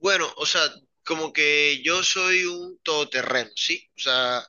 Bueno, o sea, como que yo soy un todoterreno, ¿sí? O sea,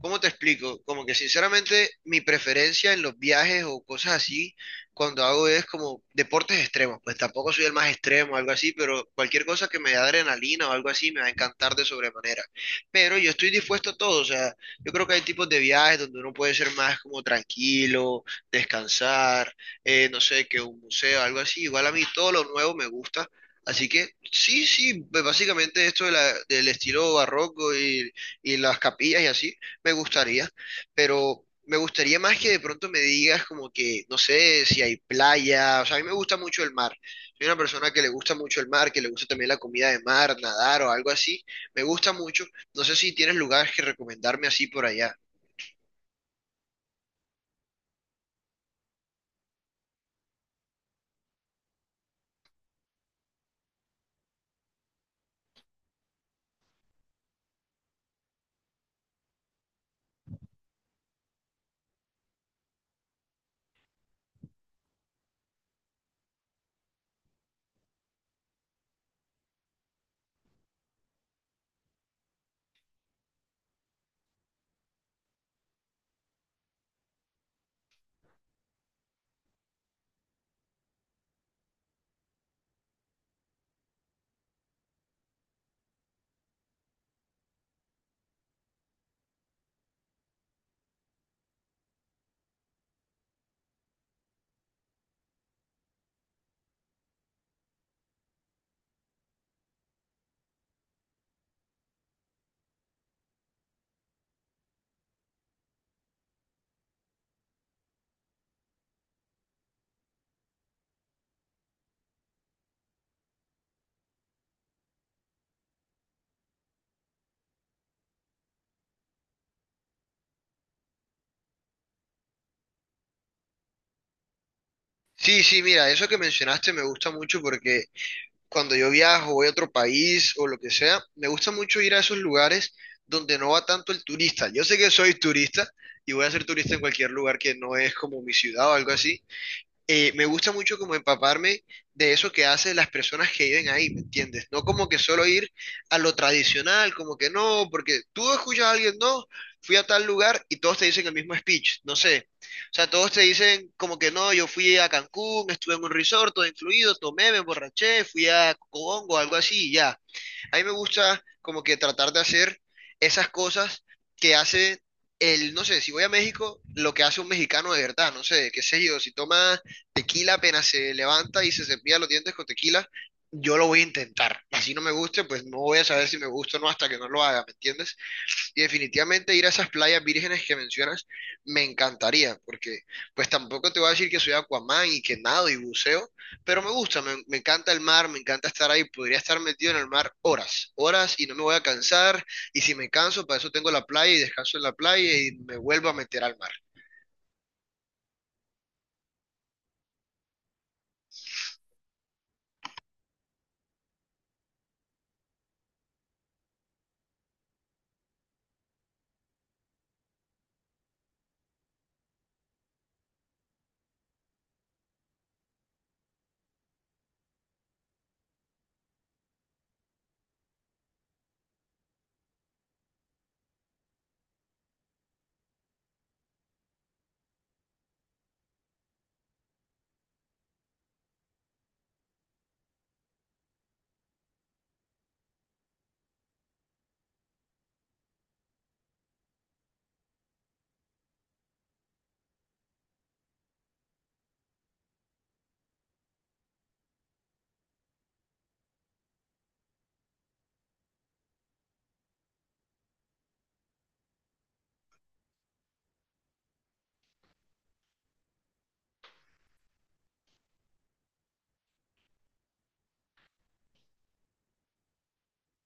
¿cómo te explico? Como que sinceramente mi preferencia en los viajes o cosas así, cuando hago es como deportes extremos, pues tampoco soy el más extremo o algo así, pero cualquier cosa que me dé adrenalina o algo así me va a encantar de sobremanera. Pero yo estoy dispuesto a todo, o sea, yo creo que hay tipos de viajes donde uno puede ser más como tranquilo, descansar, no sé, que un museo, algo así. Igual a mí todo lo nuevo me gusta. Así que sí, sí, pues básicamente esto de del estilo barroco y las capillas y así me gustaría, pero me gustaría más que de pronto me digas como que, no sé, si hay playa, o sea, a mí me gusta mucho el mar. Soy una persona que le gusta mucho el mar, que le gusta también la comida de mar, nadar o algo así. Me gusta mucho. No sé si tienes lugares que recomendarme así por allá. Sí, sí, mira, eso que mencionaste me gusta mucho porque cuando yo viajo, voy a otro país o lo que sea, me gusta mucho ir a esos lugares donde no va tanto el turista. Yo sé que soy turista y voy a ser turista en cualquier lugar que no es como mi ciudad o algo así, me gusta mucho como empaparme de eso que hacen las personas que viven ahí, ¿me entiendes? No como que solo ir a lo tradicional, como que no, porque tú escuchas a alguien, no, fui a tal lugar y todos te dicen el mismo speech, no sé. O sea, todos te dicen como que no, yo fui a Cancún, estuve en un resort, todo incluido, tomé, me emborraché, fui a Congo, algo así, y ya. A mí me gusta como que tratar de hacer esas cosas que hace el, no sé, si voy a México, lo que hace un mexicano de verdad, no sé, qué sé yo, si toma tequila apenas se levanta y se cepilla los dientes con tequila, yo lo voy a intentar. Así no me guste, pues no voy a saber si me gusta o no hasta que no lo haga, ¿me entiendes? Y definitivamente ir a esas playas vírgenes que mencionas me encantaría, porque pues tampoco te voy a decir que soy Aquaman y que nado y buceo, pero me gusta, me encanta el mar, me encanta estar ahí, podría estar metido en el mar horas, horas y no me voy a cansar, y si me canso, para eso tengo la playa y descanso en la playa y me vuelvo a meter al mar.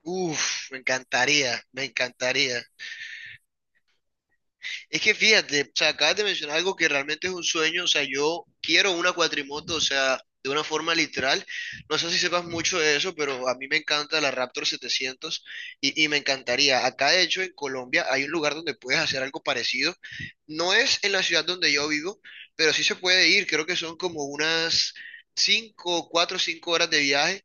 Uf, me encantaría, me encantaría. Es que fíjate, o sea, acabas de mencionar algo que realmente es un sueño, o sea, yo quiero una cuatrimoto, o sea, de una forma literal. No sé si sepas mucho de eso, pero a mí me encanta la Raptor 700 y me encantaría. Acá, de hecho, en Colombia hay un lugar donde puedes hacer algo parecido. No es en la ciudad donde yo vivo, pero sí se puede ir. Creo que son como unas 5, 4, 5 horas de viaje,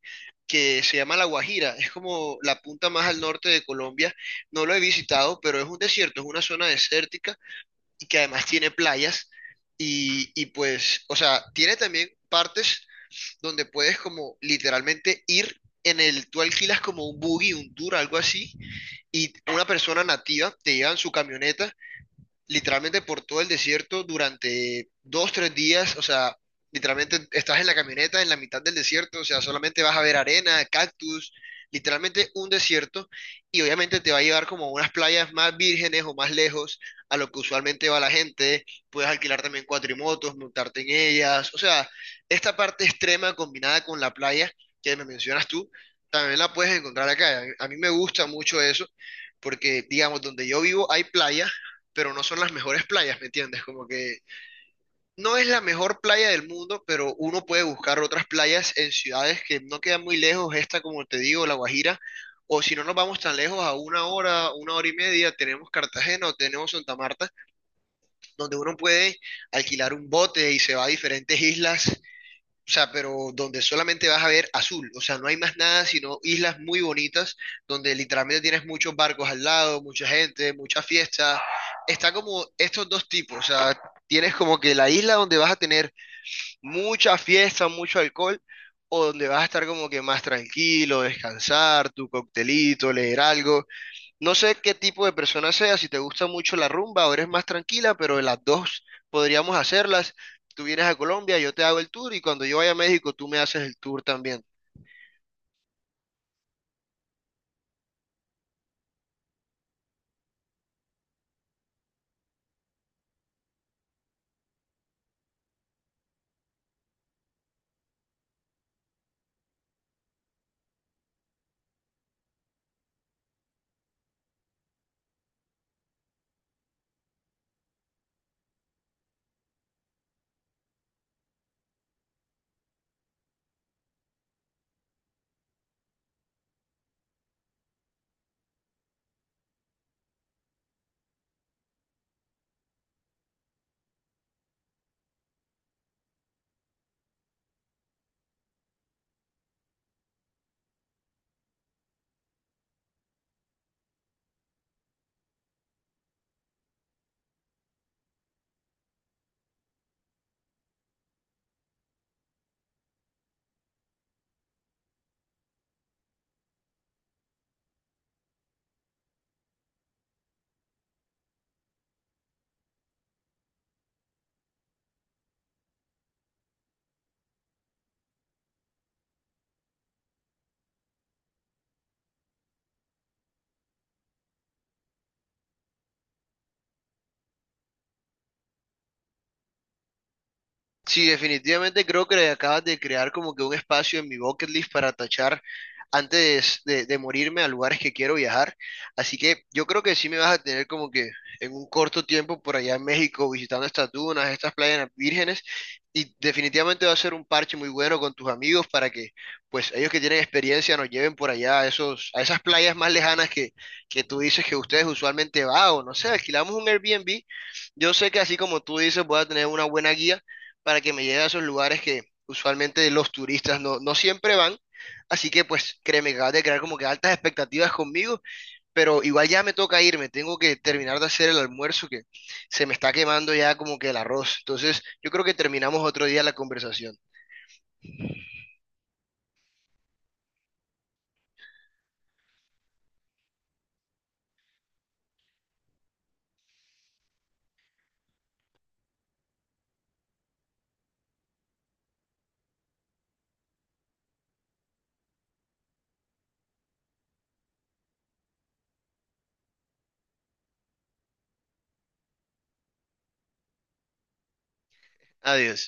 que se llama La Guajira, es como la punta más al norte de Colombia, no lo he visitado, pero es un desierto, es una zona desértica y que además tiene playas y pues, o sea, tiene también partes donde puedes como literalmente ir en el, tú alquilas como un buggy, un tour, algo así, y una persona nativa te lleva en su camioneta literalmente por todo el desierto durante dos, tres días, o sea, literalmente estás en la camioneta en la mitad del desierto, o sea, solamente vas a ver arena, cactus, literalmente un desierto, y obviamente te va a llevar como a unas playas más vírgenes o más lejos a lo que usualmente va la gente, puedes alquilar también cuatrimotos, montarte en ellas, o sea, esta parte extrema combinada con la playa que me mencionas tú, también la puedes encontrar acá, a mí me gusta mucho eso porque, digamos, donde yo vivo hay playa, pero no son las mejores playas, ¿me entiendes? Como que no es la mejor playa del mundo, pero uno puede buscar otras playas en ciudades que no quedan muy lejos, esta como te digo, La Guajira, o si no nos vamos tan lejos, a una hora y media, tenemos Cartagena o tenemos Santa Marta, donde uno puede alquilar un bote y se va a diferentes islas, o sea, pero donde solamente vas a ver azul, o sea, no hay más nada sino islas muy bonitas donde literalmente tienes muchos barcos al lado, mucha gente, muchas fiestas. Está como estos dos tipos, o sea, tienes como que la isla donde vas a tener mucha fiesta, mucho alcohol, o donde vas a estar como que más tranquilo, descansar, tu coctelito, leer algo, no sé qué tipo de persona sea, si te gusta mucho la rumba o eres más tranquila, pero las dos podríamos hacerlas. Tú vienes a Colombia, yo te hago el tour y cuando yo vaya a México, tú me haces el tour también. Sí, definitivamente creo que acabas de crear como que un espacio en mi bucket list para tachar antes de morirme, a lugares que quiero viajar. Así que yo creo que sí me vas a tener como que en un corto tiempo por allá en México visitando estas dunas, estas playas vírgenes y definitivamente va a ser un parche muy bueno con tus amigos para que pues ellos que tienen experiencia nos lleven por allá a esos, a esas playas más lejanas que tú dices que ustedes usualmente van o no sé, alquilamos un Airbnb. Yo sé que así como tú dices voy a tener una buena guía para que me lleve a esos lugares que usualmente los turistas no, no siempre van. Así que pues créeme que acabas de crear como que altas expectativas conmigo, pero igual ya me toca irme, tengo que terminar de hacer el almuerzo que se me está quemando ya como que el arroz. Entonces yo creo que terminamos otro día la conversación. Adiós.